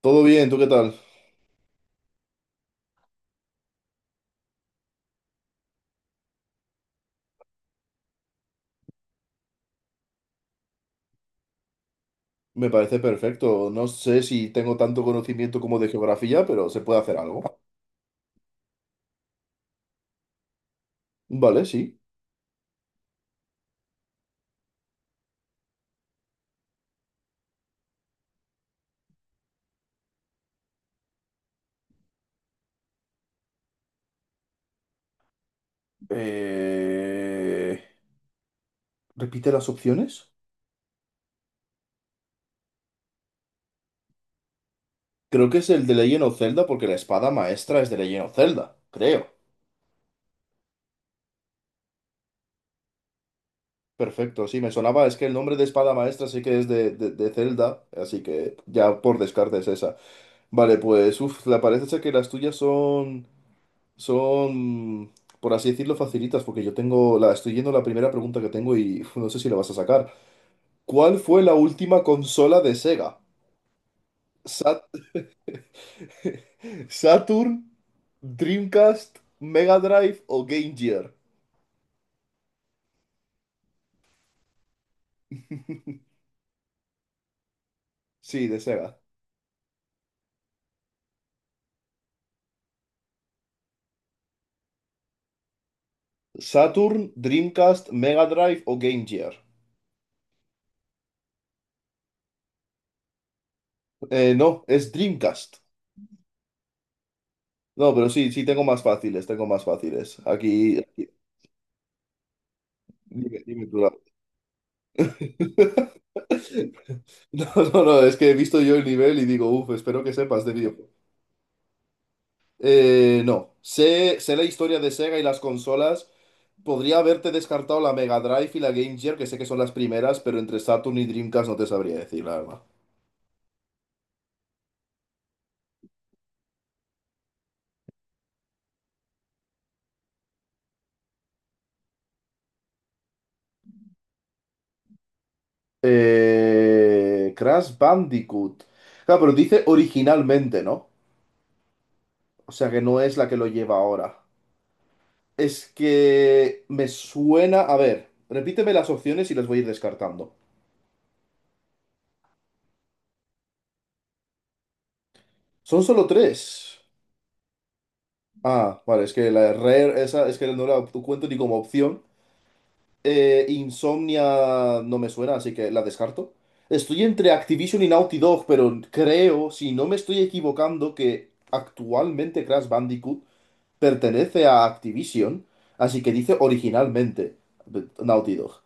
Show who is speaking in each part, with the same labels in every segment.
Speaker 1: Todo bien, ¿tú qué tal? Me parece perfecto. No sé si tengo tanto conocimiento como de geografía, pero se puede hacer algo. Vale, sí. Eh, ¿Repite las opciones? Creo que es el de Legend of Zelda porque la espada maestra es de Legend of Zelda, creo. Perfecto, sí, me sonaba, es que el nombre de espada maestra sí que es de Zelda, así que ya por descarte es esa. Vale, pues, uff, la parece ser que las tuyas son, por así decirlo, facilitas, porque yo tengo, estoy yendo a la primera pregunta que tengo y uf, no sé si la vas a sacar. ¿Cuál fue la última consola de Sega? Sat- ¿Saturn, Dreamcast, Mega Drive o Game Gear? Sí, de Sega. ¿Saturn, Dreamcast, Mega Drive o Game Gear? No, es Dreamcast. No, pero sí, sí, tengo más fáciles, tengo más fáciles. Dime, dime tú. No, no, no, es que he visto yo el nivel y digo, uff, espero que sepas de videojuegos. No, sé la historia de Sega y las consolas. Podría haberte descartado la Mega Drive y la Game Gear, que sé que son las primeras, pero entre Saturn y Dreamcast no te sabría decir, la verdad. Crash Bandicoot. Claro, pero dice originalmente, ¿no? O sea que no es la que lo lleva ahora. Es que me suena. A ver, repíteme las opciones y las voy a ir descartando. Son solo tres. Ah, vale, es que la Rare, esa es que no la cuento ni como opción. Insomnia no me suena, así que la descarto. Estoy entre Activision y Naughty Dog, pero creo, si no me estoy equivocando, que actualmente Crash Bandicoot pertenece a Activision, así que dice originalmente Naughty Dog.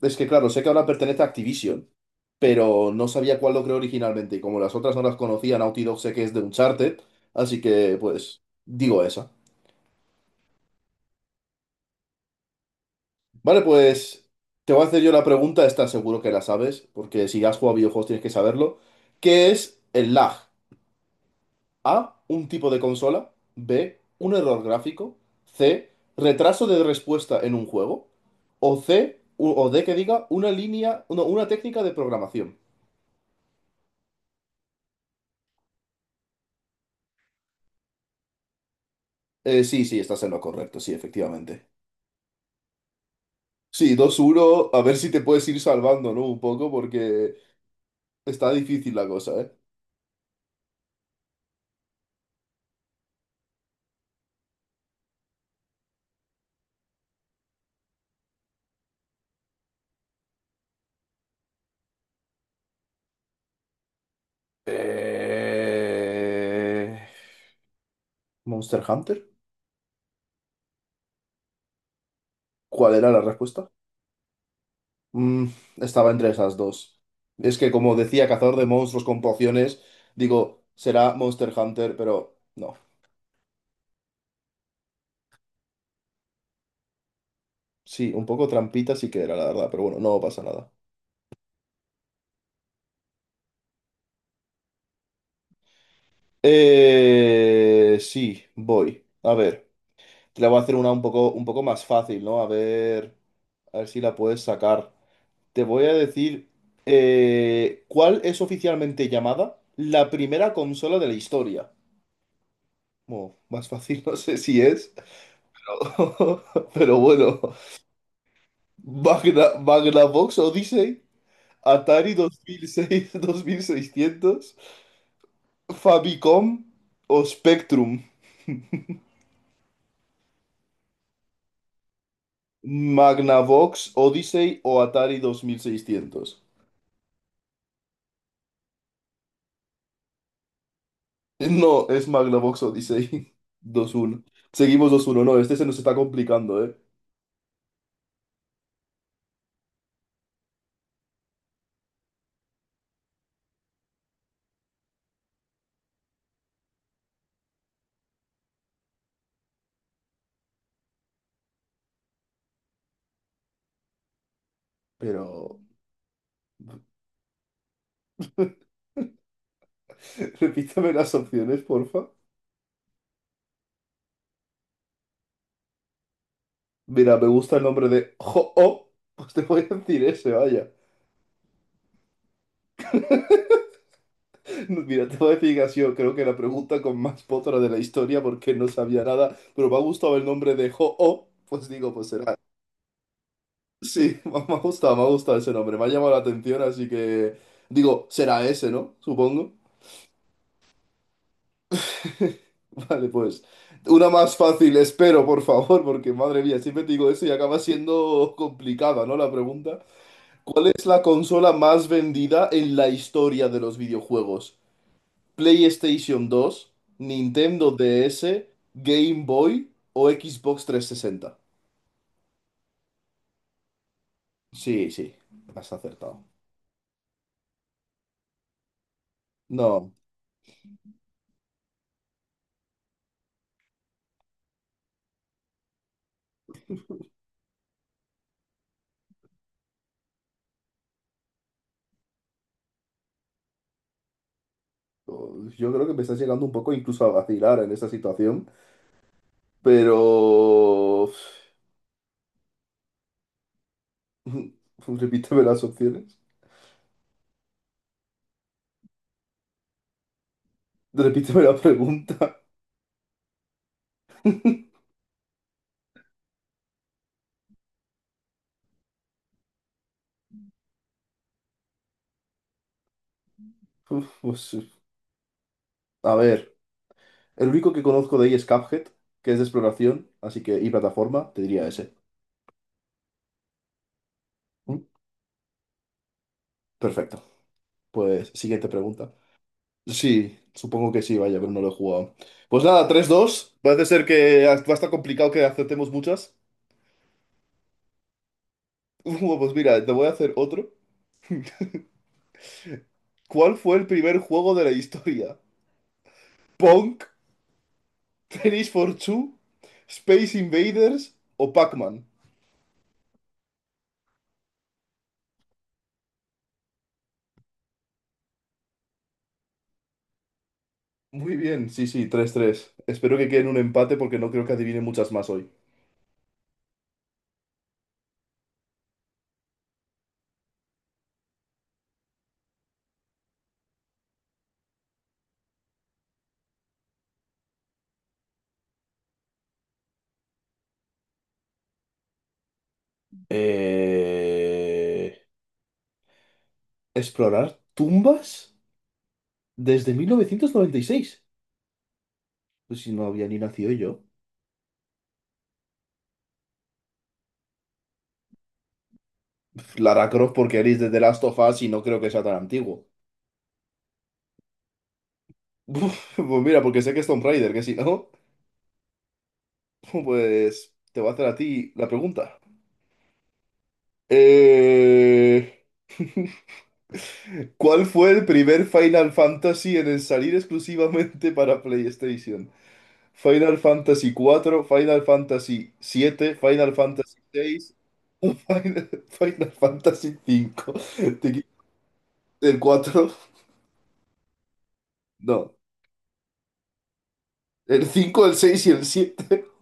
Speaker 1: Es que claro, sé que ahora pertenece a Activision, pero no sabía cuál lo creó originalmente, y como las otras no las conocía, Naughty Dog sé que es de Uncharted, así que pues digo esa. Vale, pues te voy a hacer yo la pregunta, esta seguro que la sabes, porque si has jugado a videojuegos tienes que saberlo. ¿Qué es el lag? A, un tipo de consola. B, un error gráfico. C, retraso de respuesta en un juego. O C, o D que diga una línea, no, una técnica de programación. Sí, sí, estás en lo correcto, sí, efectivamente. Sí, 2-1, a ver si te puedes ir salvando, ¿no? Un poco, porque está difícil la cosa, ¿eh? Eh, Monster Hunter. ¿Cuál era la respuesta? Mm, estaba entre esas dos. Es que como decía, cazador de monstruos con pociones, digo, será Monster Hunter, pero no. Sí, un poco trampita sí que era, la verdad, pero bueno, no pasa nada. Sí, voy. A ver, te la voy a hacer una un poco más fácil, ¿no? A ver si la puedes sacar. Te voy a decir, ¿cuál es oficialmente llamada la primera consola de la historia? Bueno, más fácil no sé si es. Pero bueno, Magnavox Odyssey, Atari 2006, 2600, Famicom o Spectrum. Magnavox Odyssey o Atari 2600. No, es Magnavox Odyssey 2-1. Seguimos 2-1. No, este se nos está complicando, ¿eh? Pero. Repítame las opciones, porfa. Mira, me gusta el nombre de Ho-Oh. Pues te voy a decir ese, vaya. Mira, te voy a decir que creo que la pregunta con más potra de la historia porque no sabía nada, pero me ha gustado el nombre de Ho-Oh, pues digo, pues será. Sí, me ha gustado, me ha gustado ese nombre, me ha llamado la atención, así que digo, será ese, ¿no? Supongo. Vale, pues una más fácil, espero, por favor, porque madre mía, siempre te digo eso y acaba siendo complicada, ¿no? La pregunta. ¿Cuál es la consola más vendida en la historia de los videojuegos? PlayStation 2, Nintendo DS, Game Boy o Xbox 360. Sí, sí, has acertado. No, yo creo que me estás llegando un poco incluso a vacilar en esta situación, pero. Repíteme las opciones. Repíteme la pregunta. Uf, pues, a ver, el único que conozco de ahí es Cuphead, que es de exploración, así que y plataforma, te diría ese. Mm. Perfecto. Pues siguiente pregunta. Sí, supongo que sí, vaya, pero no lo he jugado. Pues nada, 3-2. Parece ser que va a estar complicado que acertemos muchas. Bueno, pues mira, te voy a hacer otro. ¿Cuál fue el primer juego de la historia? ¿Punk? ¿Tennis for Two? ¿Space Invaders? ¿O Pac-Man? Muy bien, sí, sí, 3-3. Espero que quede en un empate porque no creo que adivine muchas más hoy. Eh... ¿Explorar tumbas? Desde 1996. Pues si no había ni nacido yo. Lara Croft porque eres de The Last of Us y no creo que sea tan antiguo. Pues mira, porque sé que es Tomb Raider, que si no, pues te voy a hacer a ti la pregunta. Eh, ¿cuál fue el primer Final Fantasy en salir exclusivamente para PlayStation? Final Fantasy cuatro, Final Fantasy siete, Final Fantasy 6, Final Fantasy 5. El 4 no. El 5, el 6 y el 7.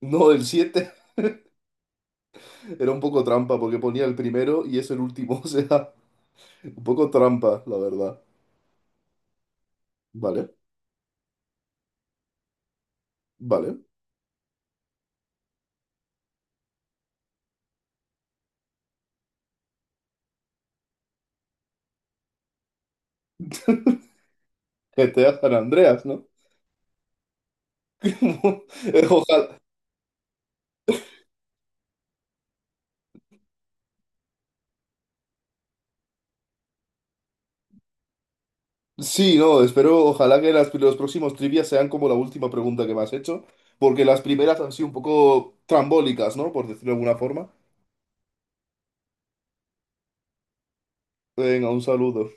Speaker 1: No, el 7. Era un poco trampa porque ponía el primero y es el último, o sea, un poco trampa, la verdad. Vale, vale. GTA San Andreas, ¿no? Ojalá. Sí, no, espero, ojalá que los próximos trivias sean como la última pregunta que me has hecho, porque las primeras han sido un poco trambólicas, ¿no? Por decirlo de alguna forma. Venga, un saludo.